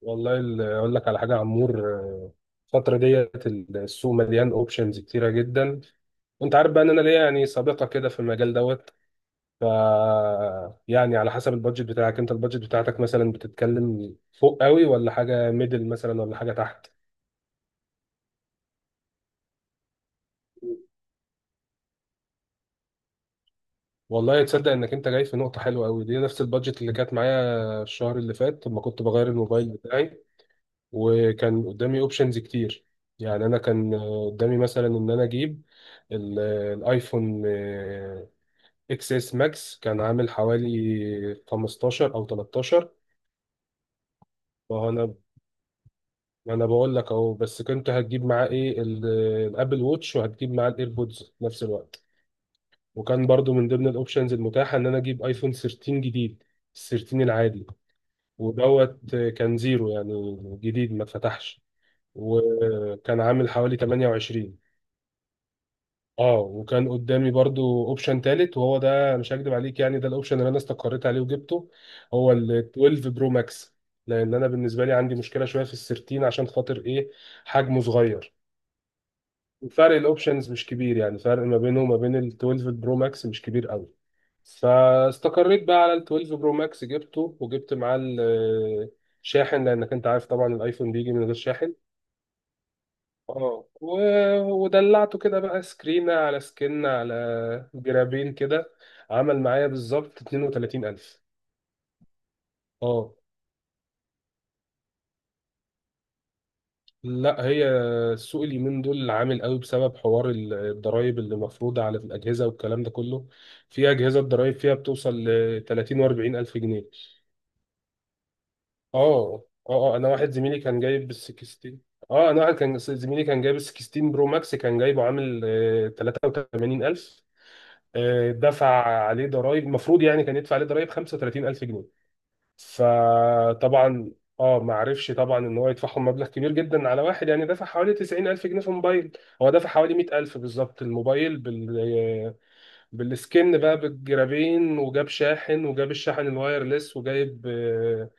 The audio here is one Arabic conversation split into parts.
والله اقول لك على حاجه يا عمور، الفتره ديت السوق مليان اوبشنز كتيره جدا. وانت عارف بقى ان انا ليا يعني سابقه كده في المجال دوت. ف يعني على حسب البادجت بتاعك، انت البادجت بتاعتك مثلا بتتكلم فوق قوي، ولا حاجه ميدل مثلا، ولا حاجه تحت؟ والله تصدق انك انت جاي في نقطه حلوه قوي، دي نفس البادجت اللي كانت معايا الشهر اللي فات لما كنت بغير الموبايل بتاعي. وكان قدامي اوبشنز كتير. يعني انا كان قدامي مثلا ان انا اجيب ال- الايفون اكس اس ماكس، كان عامل حوالي 15 او 13. فانا بقول لك اهو، بس كنت هتجيب معاه ايه؟ الابل ووتش، وهتجيب معاه الايربودز في نفس الوقت. وكان برضو من ضمن الاوبشنز المتاحه ان انا اجيب ايفون 13 جديد، 13 العادي ودوت. كان زيرو يعني جديد ما اتفتحش، وكان عامل حوالي 28. اه. وكان قدامي برضو اوبشن تالت، وهو ده مش هكدب عليك يعني ده الاوبشن اللي انا استقريت عليه وجبته، هو ال 12 برو ماكس. لان انا بالنسبه لي عندي مشكله شويه في السيرتين عشان خاطر ايه؟ حجمه صغير. وفرق الاوبشنز مش كبير، يعني فرق ما بينه وما بين ال 12 برو ماكس مش كبير قوي. فاستقريت بقى على ال 12 برو ماكس، جبته وجبت معاه الشاحن، لانك انت عارف طبعا الايفون بيجي من غير شاحن. اه، ودلعته كده بقى سكرينة على سكنة على جرابين كده. عمل معايا بالظبط 32000. اه. لا، هي السوق اليومين دول عامل قوي بسبب حوار الضرايب اللي مفروضة على الأجهزة والكلام ده كله. في أجهزة الضرايب فيها بتوصل ل 30 و40 ألف جنيه. اه اه اه. انا واحد زميلي كان جايب بال 16. اه، انا واحد زميلي كان جايب ال 16 برو ماكس، كان جايبه عامل 38000. دفع عليه ضرائب، المفروض يعني كان يدفع عليه ضرائب 35000 جنيه. فطبعا، اه، ما عرفش طبعا ان هو يدفعهم مبلغ كبير جدا على واحد. يعني دفع حوالي 90000 جنيه في موبايل. هو دفع حوالي 100000 بالظبط الموبايل بالسكن بقى، بالجرابين، وجاب شاحن، وجاب الشاحن الوايرلس، وجايب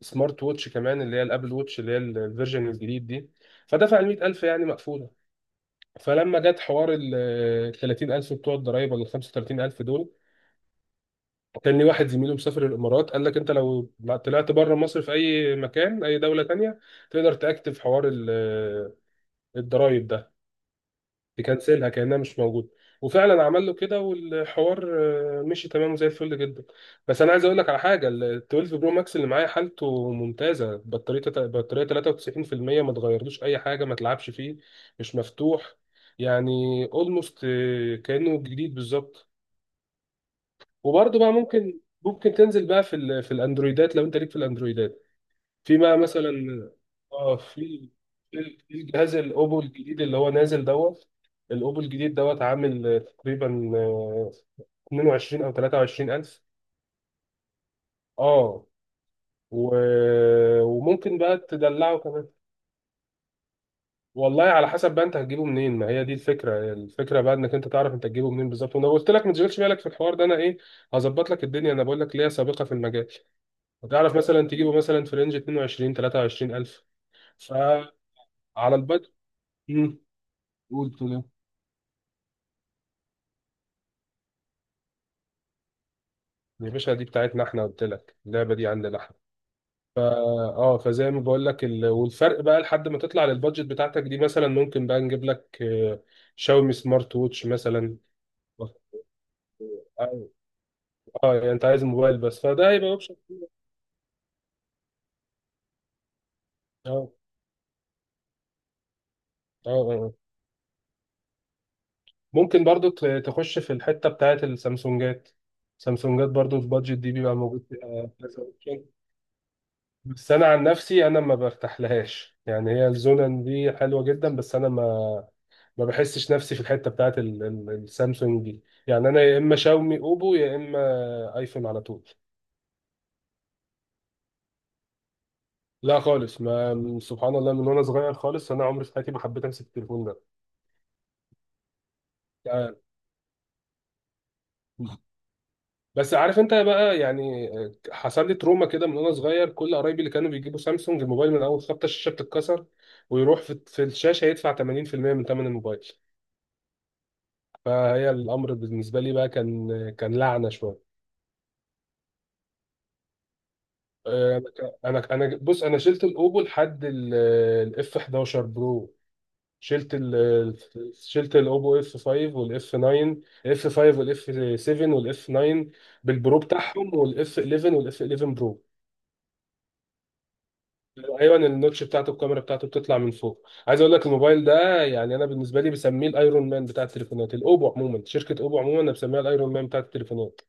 سمارت ووتش كمان، اللي هي الابل ووتش، اللي هي الفيرجن الجديد دي. فدفع ال 100000 يعني مقفولة. فلما جت حوار ال 30000 بتوع الضرايب ولا ال 35000 دول، كان واحد زميله مسافر الامارات قال لك انت لو طلعت بره مصر في اي مكان، اي دوله تانية، تقدر تاكتف حوار الضرايب ده، تكنسلها كانها مش موجوده. وفعلا عمل له كده، والحوار مشي تمام زي الفل جدا. بس انا عايز اقول لك على حاجه، ال 12 برو ماكس اللي معايا حالته ممتازه، بطاريه بطاريه 93%، ما تغيرلوش اي حاجه، ما تلعبش فيه، مش مفتوح يعني. اولموست كانه جديد بالظبط. وبرضه بقى ممكن تنزل بقى في الاندرويدات لو انت ليك في الاندرويدات. في بقى مثلا، اه، في الجهاز الاوبو الجديد اللي هو نازل دوت. الاوبو الجديد دوت عامل تقريبا، 22 او 23 الف. اه، و... وممكن بقى تدلعه كمان. والله على حسب بقى انت هتجيبه منين، ما هي دي الفكره. الفكره بقى انك انت تعرف انت هتجيبه منين بالظبط، وانا قلت لك ما تشغلش بالك في الحوار ده، انا ايه؟ هظبط لك الدنيا، انا بقول لك ليا سابقه في المجال. وتعرف مثلا تجيبه مثلا في رينج 22 23 الف. فعلى البدء. امم. قلت له يا باشا دي بتاعتنا احنا، قلت لك اللعبه دي عندنا احنا. فا اه فزي ما بقول لك، والفرق بقى لحد ما تطلع للبادجت بتاعتك دي مثلا، ممكن بقى نجيب لك شاومي سمارت ووتش مثلا. اه. يعني انت عايز موبايل بس، فده هيبقى اوبشن. اه اه آه. ممكن برضو تخش في الحته بتاعت السامسونجات. سامسونجات برضو البادجت دي بيبقى موجود فيها كذا option. بس انا عن نفسي انا ما برتاحلهاش، يعني هي الزونن دي حلوه جدا، بس انا ما بحسش نفسي في الحته بتاعت السامسونج دي. يعني انا يا اما شاومي اوبو، يا اما ايفون على طول. لا خالص، ما سبحان الله، من وانا صغير خالص انا عمري في حياتي ما حبيت امسك التليفون ده يعني. بس عارف انت بقى، يعني، حصل لي تروما كده من وانا صغير، كل قرايبي اللي كانوا بيجيبوا سامسونج الموبايل من اول خبطه الشاشه بتتكسر، ويروح في الشاشه يدفع 80% من ثمن الموبايل. فهي الامر بالنسبه لي بقى كان لعنه شويه. آه، بص، انا شلت الاوبو لحد الاف 11 برو. شلت ال شلت الاوبو اف 5 والاف 9، اف 5 والاف 7 والاف 9 بالبرو بتاعهم، والاف 11 والاف 11 برو. ايوه، النوتش بتاعته، الكاميرا بتاعته بتطلع من فوق. عايز اقول لك الموبايل ده، يعني انا بالنسبه لي بسميه الايرون مان بتاع التليفونات. الاوبو عموما، شركه اوبو عموما، انا بسميها الايرون مان بتاع التليفونات.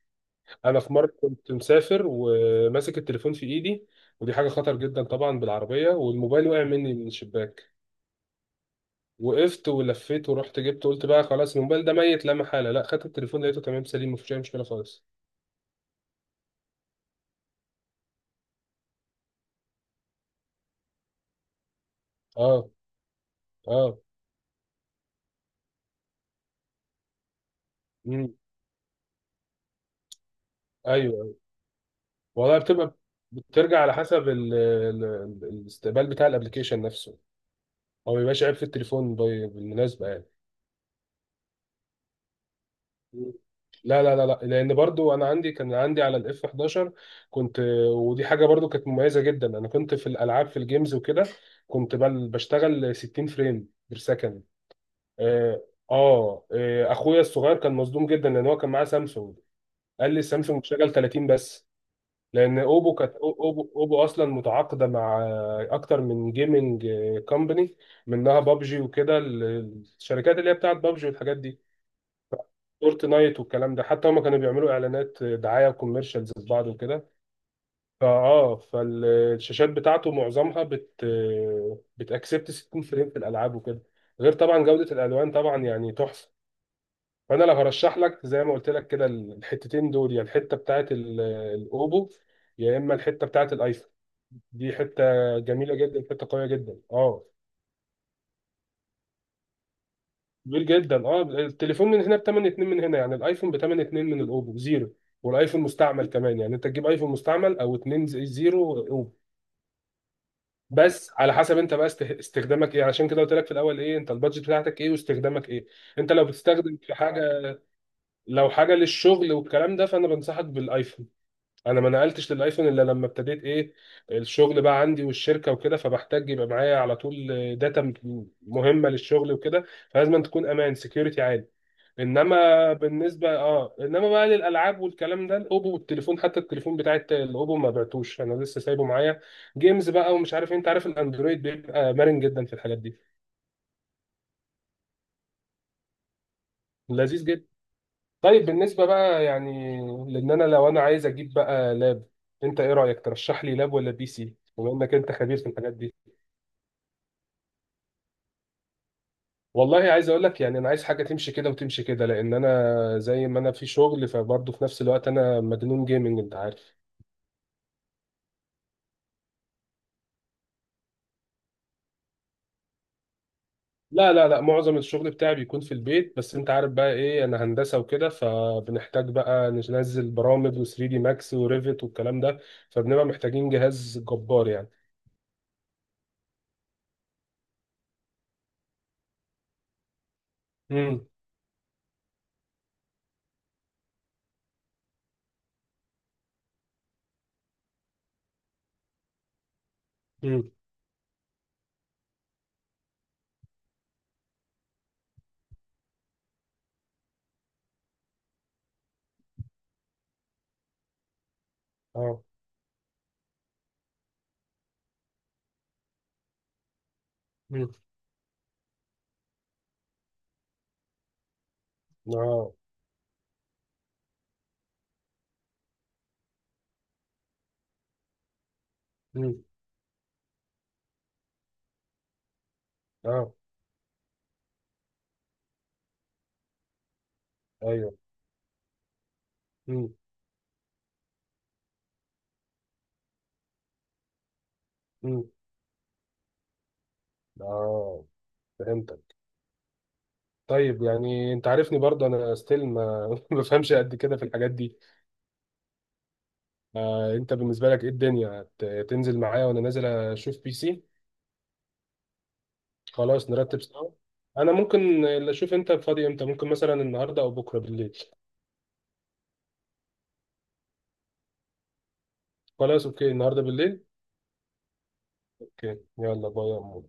انا في مره كنت مسافر وماسك التليفون في ايدي، ودي حاجه خطر جدا طبعا، بالعربيه، والموبايل وقع مني من الشباك. وقفت ولفيت ورحت جبته، قلت بقى خلاص الموبايل ده ميت لا محاله. لا، خدت التليفون لقيته تمام سليم، مفيش اي مشكله خالص. اه. اه. امم. ايوه، أيوة. والله بتبقى، بترجع على حسب الاستقبال بتاع الابلكيشن نفسه، هو ما بيبقاش عيب في التليفون، بالمناسبه يعني. لا لا لا لا، لان برضو انا عندي، كان عندي على الاف 11، كنت، ودي حاجه برضو كانت مميزه جدا. انا كنت في الالعاب في الجيمز وكده، كنت بشتغل 60 فريم بير سكند. اه. اخويا الصغير كان مصدوم جدا، لان هو كان معاه سامسونج. قال لي السامسونج بتشتغل 30 بس، لان اوبو كانت اوبو اصلا متعاقده مع اكتر من جيمنج كومباني، منها بابجي وكده، الشركات اللي هي بتاعت بابجي والحاجات دي، فورتنايت والكلام ده، حتى هما كانوا بيعملوا اعلانات دعايه وكوميرشالز لبعض وكده. فالشاشات بتاعته معظمها بتاكسبت 60 فريم في الالعاب وكده، غير طبعا جوده الالوان طبعا يعني تحفه. فانا لو هرشح لك زي ما قلت لك كده الحتتين دول، يا الحته بتاعت الاوبو، يا اما الحته بتاعت الايفون، دي حته جميله جدا، حته قويه جدا. اه. كبير جدا، اه، التليفون من هنا بتمن اتنين، من هنا يعني الايفون بتمن اتنين، من الاوبو زيرو. والايفون مستعمل كمان يعني، انت تجيب ايفون مستعمل او اتنين زيرو اوبو. بس على حسب انت بقى استخدامك ايه، عشان كده قلت لك في الاول ايه انت البادجت بتاعتك ايه، واستخدامك ايه. انت لو بتستخدم في حاجه، لو حاجه للشغل والكلام ده، فانا بنصحك بالايفون. انا ما نقلتش للايفون الا لما ابتديت ايه؟ الشغل بقى عندي والشركه وكده، فبحتاج يبقى معايا على طول داتا مهمه للشغل وكده، فلازم تكون امان سكيورتي عالي. انما بالنسبه، اه، انما بقى للالعاب والكلام ده، الاوبو، والتليفون، حتى التليفون بتاع الاوبو ما بعتوش، انا لسه سايبه معايا جيمز بقى ومش عارف إيه. انت عارف الاندرويد بيبقى مرن جدا في الحاجات دي، لذيذ جدا. طيب، بالنسبه بقى يعني، لان انا لو انا عايز اجيب بقى لاب، انت ايه رايك؟ ترشح لي لاب ولا بي سي بما انك انت خبير في الحاجات دي؟ والله عايز اقول لك، يعني انا عايز حاجه تمشي كده وتمشي كده، لان انا زي ما انا في شغل، فبرضه في نفس الوقت انا مجنون جيمنج، انت عارف. لا لا لا، معظم الشغل بتاعي بيكون في البيت، بس انت عارف بقى ايه، انا هندسة وكده، فبنحتاج بقى ننزل برامج و3 دي ماكس وريفت والكلام ده، فبنبقى محتاجين جهاز جبار يعني. امم. امم. اه. امم. اه. امم. اه. ايوه. امم. امم. اه. فهمتك. طيب، يعني انت عارفني برضه انا ستيل ما ما بفهمش قد كده في الحاجات دي. آه، انت بالنسبة لك ايه الدنيا، تنزل معايا وانا نازل اشوف بي سي؟ خلاص، نرتب سوا. انا ممكن اللي اشوف انت فاضي امتى، ممكن مثلا النهارده او بكره بالليل. خلاص، اوكي النهارده بالليل. اوكي، يلا باي يا عمو.